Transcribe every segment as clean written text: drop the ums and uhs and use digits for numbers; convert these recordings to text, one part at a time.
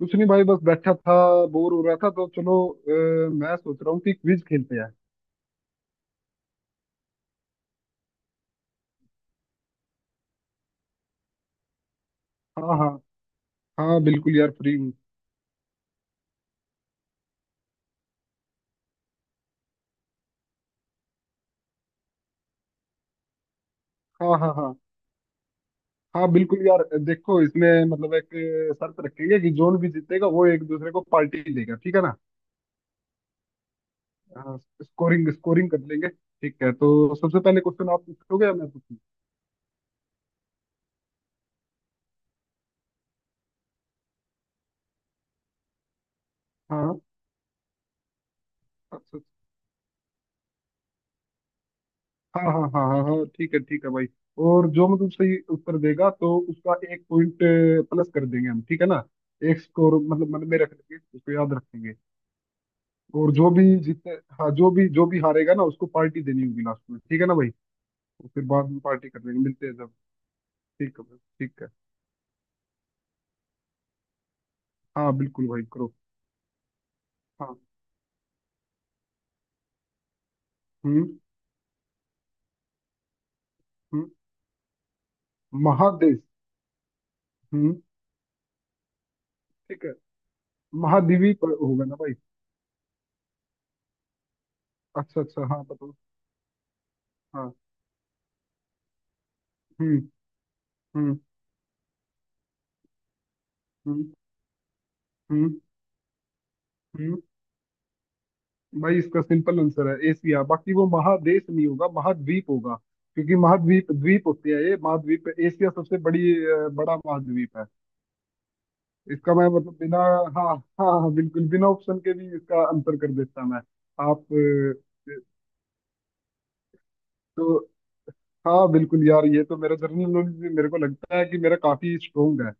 कुछ नहीं भाई, बस बैठा था। बोर हो रहा था तो चलो, मैं सोच रहा हूँ कि क्विज खेलते हैं। हाँ हाँ, हाँ बिल्कुल यार, फ्री हूँ। हाँ हाँ हाँ हाँ, बिल्कुल यार देखो, इसमें मतलब एक शर्त रखेंगे कि जोन भी जीतेगा वो एक दूसरे को पार्टी देगा, ठीक है ना। हाँ, स्कोरिंग स्कोरिंग कर लेंगे, ठीक है। तो सबसे पहले क्वेश्चन आप पूछोगे या मैं पूछूँ? हाँ। हाँ, हाँ हाँ हाँ हाँ हाँ, ठीक है भाई। और जो मतलब सही उत्तर देगा तो उसका एक पॉइंट प्लस कर देंगे हम, ठीक है ना। एक स्कोर मतलब मन में रख लेंगे, उसको याद रखेंगे। और जो भी जीते, हाँ, जो भी हारेगा ना उसको पार्टी देनी होगी लास्ट में, ठीक है ना भाई। और फिर बाद में पार्टी कर लेंगे मिलते हैं जब। ठीक है भाई, ठीक है। हाँ बिल्कुल भाई, करो। हाँ। हम्म हम्म महादेश। हम्म ठीक है। महाद्वीप होगा ना भाई। अच्छा अच्छा, हाँ बताओ। हाँ। हम्म हम्म हम्म हम्म हम्म भाई इसका सिंपल आंसर है एशिया। बाकी वो महादेश नहीं होगा, महाद्वीप होगा, क्योंकि महाद्वीप द्वीप होते हैं। ये महाद्वीप है। एशिया सबसे बड़ा महाद्वीप है। इसका मैं मतलब बिना, हाँ हाँ हाँ, बिल्कुल बिना ऑप्शन के भी इसका आंसर कर देता मैं। आप तो, हाँ बिल्कुल यार, ये तो मेरा जनरल नॉलेज भी, मेरे को लगता है कि मेरा काफी स्ट्रोंग है।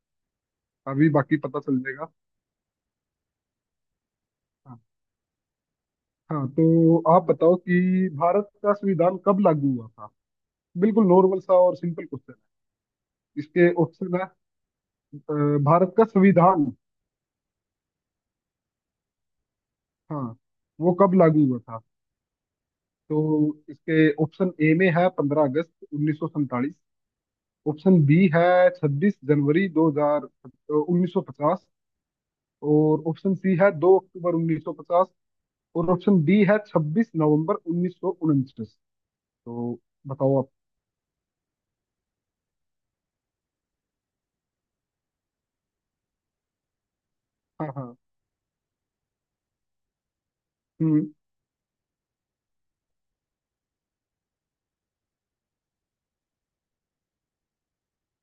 अभी बाकी पता चल जाएगा। हाँ। हाँ, तो आप बताओ कि भारत का संविधान कब लागू हुआ था। बिल्कुल नॉर्मल सा और सिंपल क्वेश्चन है। इसके ऑप्शन है अ, भारत का संविधान, हाँ, वो कब लागू हुआ था। तो इसके ऑप्शन ए में है 15 अगस्त 1947। ऑप्शन बी है 26 जनवरी 2000 1950। और ऑप्शन सी है 2 अक्टूबर 1950। और ऑप्शन डी है 26 नवंबर 1949। तो बताओ आप। हाँ हाँ। हम्म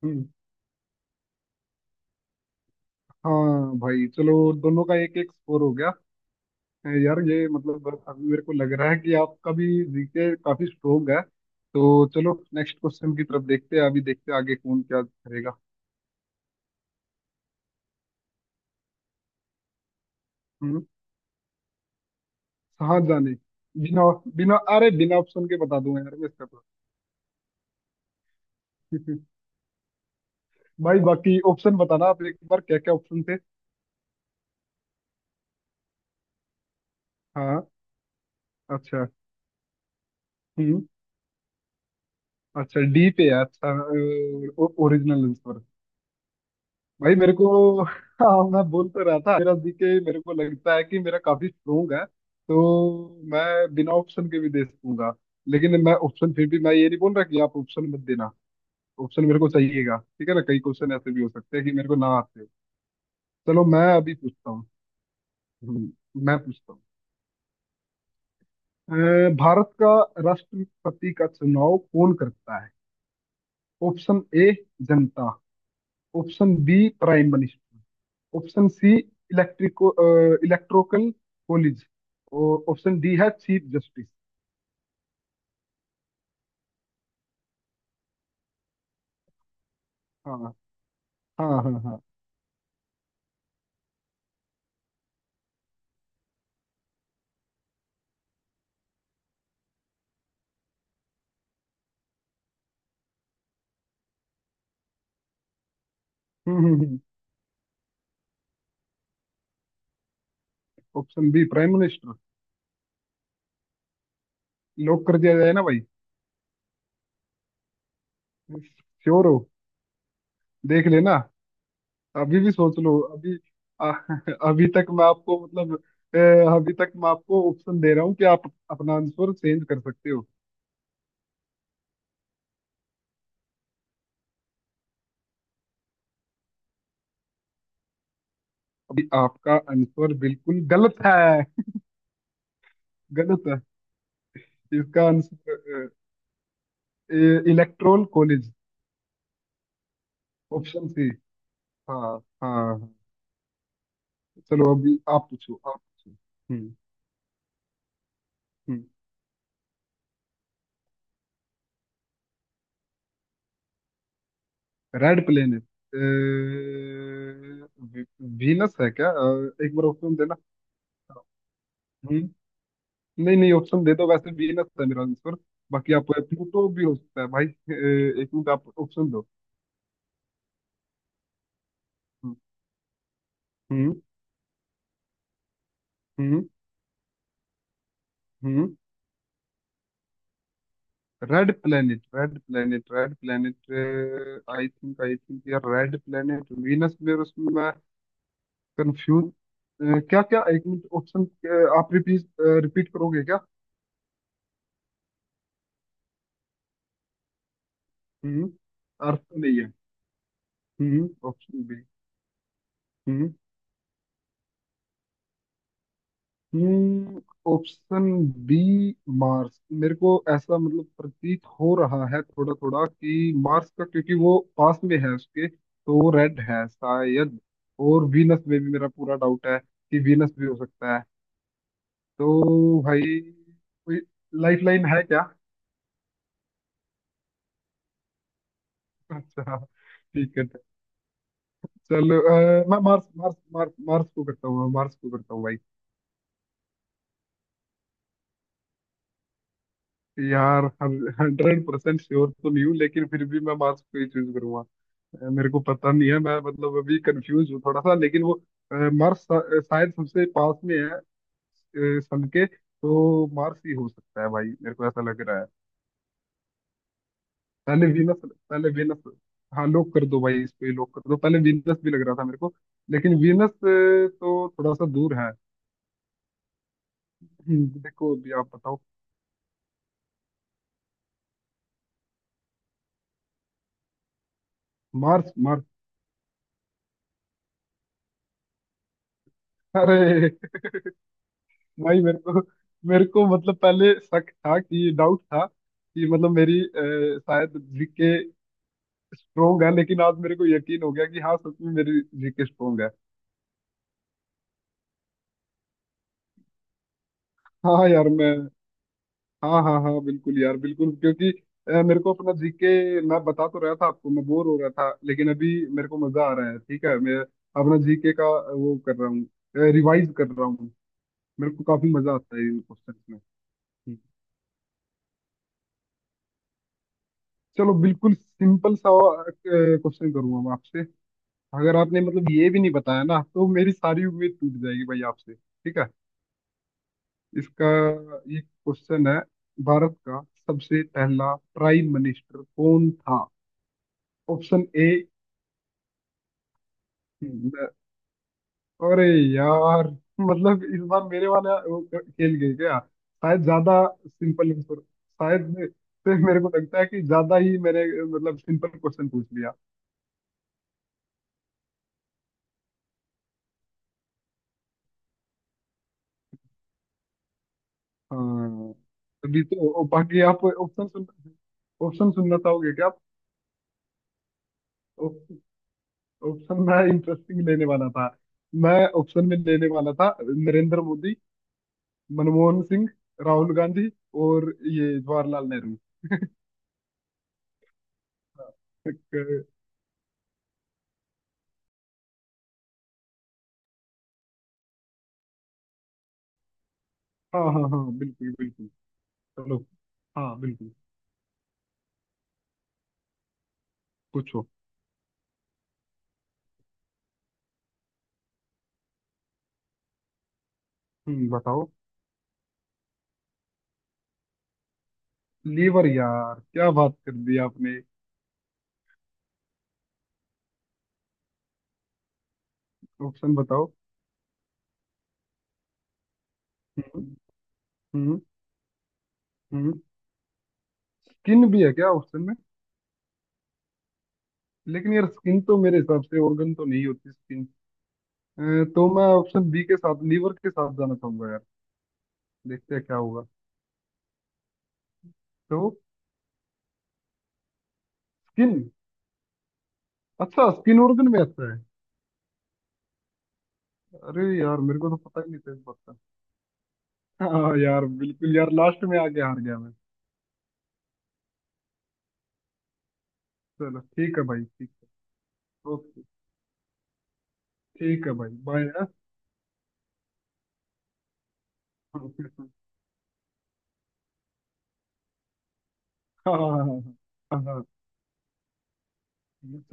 हम्म हाँ भाई चलो, दोनों का एक एक स्कोर हो गया। यार ये मतलब अभी मेरे को लग रहा है कि आपका भी जीके काफी स्ट्रोंग है। तो चलो नेक्स्ट क्वेश्चन की तरफ देखते हैं, अभी देखते हैं आगे कौन क्या करेगा। हम्म शाहजहां ने। बिना, बिना अरे बिना ऑप्शन के बता दूंगा यार मैं इसका तो। भाई बाकी ऑप्शन बताना आप, एक बार क्या क्या ऑप्शन थे। हाँ। अच्छा। हम्म अच्छा, डी पे है, अच्छा। Original answer. भाई मेरे को, हाँ, मैं बोल तो रहा था मेरा जीके, मेरे को लगता है कि मेरा काफी स्ट्रोंग है, तो मैं बिना ऑप्शन के भी दे सकूंगा। लेकिन मैं ऑप्शन, फिर भी मैं ये नहीं बोल रहा कि आप ऑप्शन मत देना। ऑप्शन मेरे को चाहिएगा, ठीक है ना। कई क्वेश्चन ऐसे भी हो सकते हैं कि मेरे को ना आते हो। चलो मैं अभी पूछता हूँ। हम्म, मैं पूछता हूँ अ, भारत का राष्ट्रपति का चुनाव कौन करता है। ऑप्शन ए जनता, option B prime minister, option C इलेक्ट्रिको, इलेक्ट्रोकल कॉलेज, और ऑप्शन डी है चीफ जस्टिस। हाँ, हाँ हाँ हाँ। हम्म हम्म हम्म option B, prime minister, lock कर दिया जाए ना भाई। श्योर हो, देख लेना, अभी भी सोच लो अभी। आ, अभी तक मैं आपको मतलब, अभी तक मैं आपको ऑप्शन दे रहा हूँ कि आप अपना आंसर चेंज कर सकते हो। अभी आपका आंसर बिल्कुल गलत है, गलत है। इसका answer electoral college, option C. हाँ। हाँ हाँ। चलो अभी आप पूछो, आप पूछो। हम्म हम्म रेड प्लेनेट। वीनस है क्या? एक बार ऑप्शन देना। हम्म नहीं नहीं, ऑप्शन दे दो, वैसे वीनस है मेरा आंसर। बाकी आप, प्लूटो भी हो सकता है भाई। एक मिनट, आप ऑप्शन दो। हम्म हम्म हम्म red planet, red planet, red planet. I think यार, रेड प्लेनेट वीनस में उसमें कंफ्यूज। क्या क्या, एक मिनट ऑप्शन, आप रिपीट रिपीट करोगे क्या? हम्म ऑप्शन नहीं है। Option B. हम्म ऑप्शन बी, मार्स। मेरे को ऐसा मतलब प्रतीत हो रहा है थोड़ा थोड़ा कि मार्स का, क्योंकि वो पास में है उसके, तो वो रेड है शायद। और वीनस में भी मेरा पूरा डाउट है कि वीनस भी हो सकता है। तो भाई, कोई लाइफ लाइन है क्या? अच्छा। ठीक है। चलो, मैं मार्स मार्स मार्स मार्स को करता हूँ, मैं मार्स को करता हूँ भाई। यार 100% श्योर तो नहीं हूँ, लेकिन फिर भी मैं मार्स को ही चूज करूंगा। मेरे को पता नहीं है, मैं मतलब अभी कंफ्यूज हूँ थोड़ा सा, लेकिन वो मार्स शायद सबसे पास में है सन के, तो मार्स ही हो सकता है भाई, मेरे को ऐसा लग रहा है। पहले वीनस, पहले वीनस, हाँ। लॉक कर दो भाई, इस पे लॉक कर दो। पहले वीनस भी लग रहा था मेरे को, लेकिन वीनस तो थोड़ा सा दूर है। देखो, अभी आप बताओ। Mars, Mars. अरे भाई, मेरे को, मेरे को मतलब पहले शक था, कि डाउट था कि मतलब मेरी शायद जीके स्ट्रोंग है, लेकिन आज मेरे को यकीन हो गया कि हाँ, सच में मेरी जीके स्ट्रोंग है। हाँ यार मैं, हाँ हाँ हाँ, बिल्कुल यार, बिल्कुल, क्योंकि मेरे को अपना जीके, मैं बता तो रहा था आपको मैं बोर हो रहा था, लेकिन अभी मेरे को मजा आ रहा है। ठीक है, मैं अपना जीके का वो कर रहा हूँ, रिवाइज कर रहा हूँ। मेरे को काफी मजा आता है इन क्वेश्चन में। चलो बिल्कुल सिंपल सा क्वेश्चन करूंगा मैं आपसे। अगर आपने मतलब ये भी नहीं बताया ना तो मेरी सारी उम्मीद टूट जाएगी भाई आपसे, ठीक है। इसका ये क्वेश्चन है, भारत का सबसे पहला प्राइम मिनिस्टर कौन था? Option A. अरे यार, मतलब इस बार मेरे वाला वो खेल गए क्या? शायद ज्यादा सिंपल आंसर शायद से, मेरे को लगता है कि ज्यादा ही मैंने मतलब सिंपल क्वेश्चन पूछ लिया। हाँ अभी तो, बाकी आप ऑप्शन सुन, ऑप्शन सुनना चाहोगे क्या आप? ऑप्शन मैं इंटरेस्टिंग लेने वाला था। मैं ऑप्शन में लेने वाला था नरेंद्र मोदी, मनमोहन सिंह, राहुल गांधी, और ये जवाहरलाल नेहरू। एक- हाँ हाँ हाँ, बिल्कुल बिल्कुल। चलो। हाँ बिल्कुल। पूछो। बताओ। लीवर यार, क्या बात कर दी आपने। ऑप्शन बताओ। हम्म हम्म हम्म किन भी है क्या ऑप्शन में? लेकिन यार स्किन तो मेरे हिसाब से ऑर्गन तो नहीं होती स्किन, तो मैं ऑप्शन बी के साथ, लीवर के साथ जाना चाहूंगा यार। देखते हैं क्या होगा। तो स्किन, अच्छा, स्किन ऑर्गन में आता है। अरे यार, मेरे को तो पता ही नहीं था इस बात का। हाँ यार बिल्कुल यार, लास्ट में आके हार गया मैं। चलो ठीक है भाई ठीक है। ओके। ठीक है भाई, बाय। हाँ हाँ हाँ हाँ हाँ। हाँ, हाँ।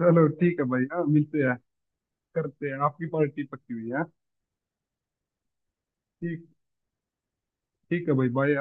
चलो ठीक है भाई, हाँ मिलते हैं, करते हैं। आपकी पार्टी पक्की हुई है, हाँ? ठीक, ठीक है भाई, बाय।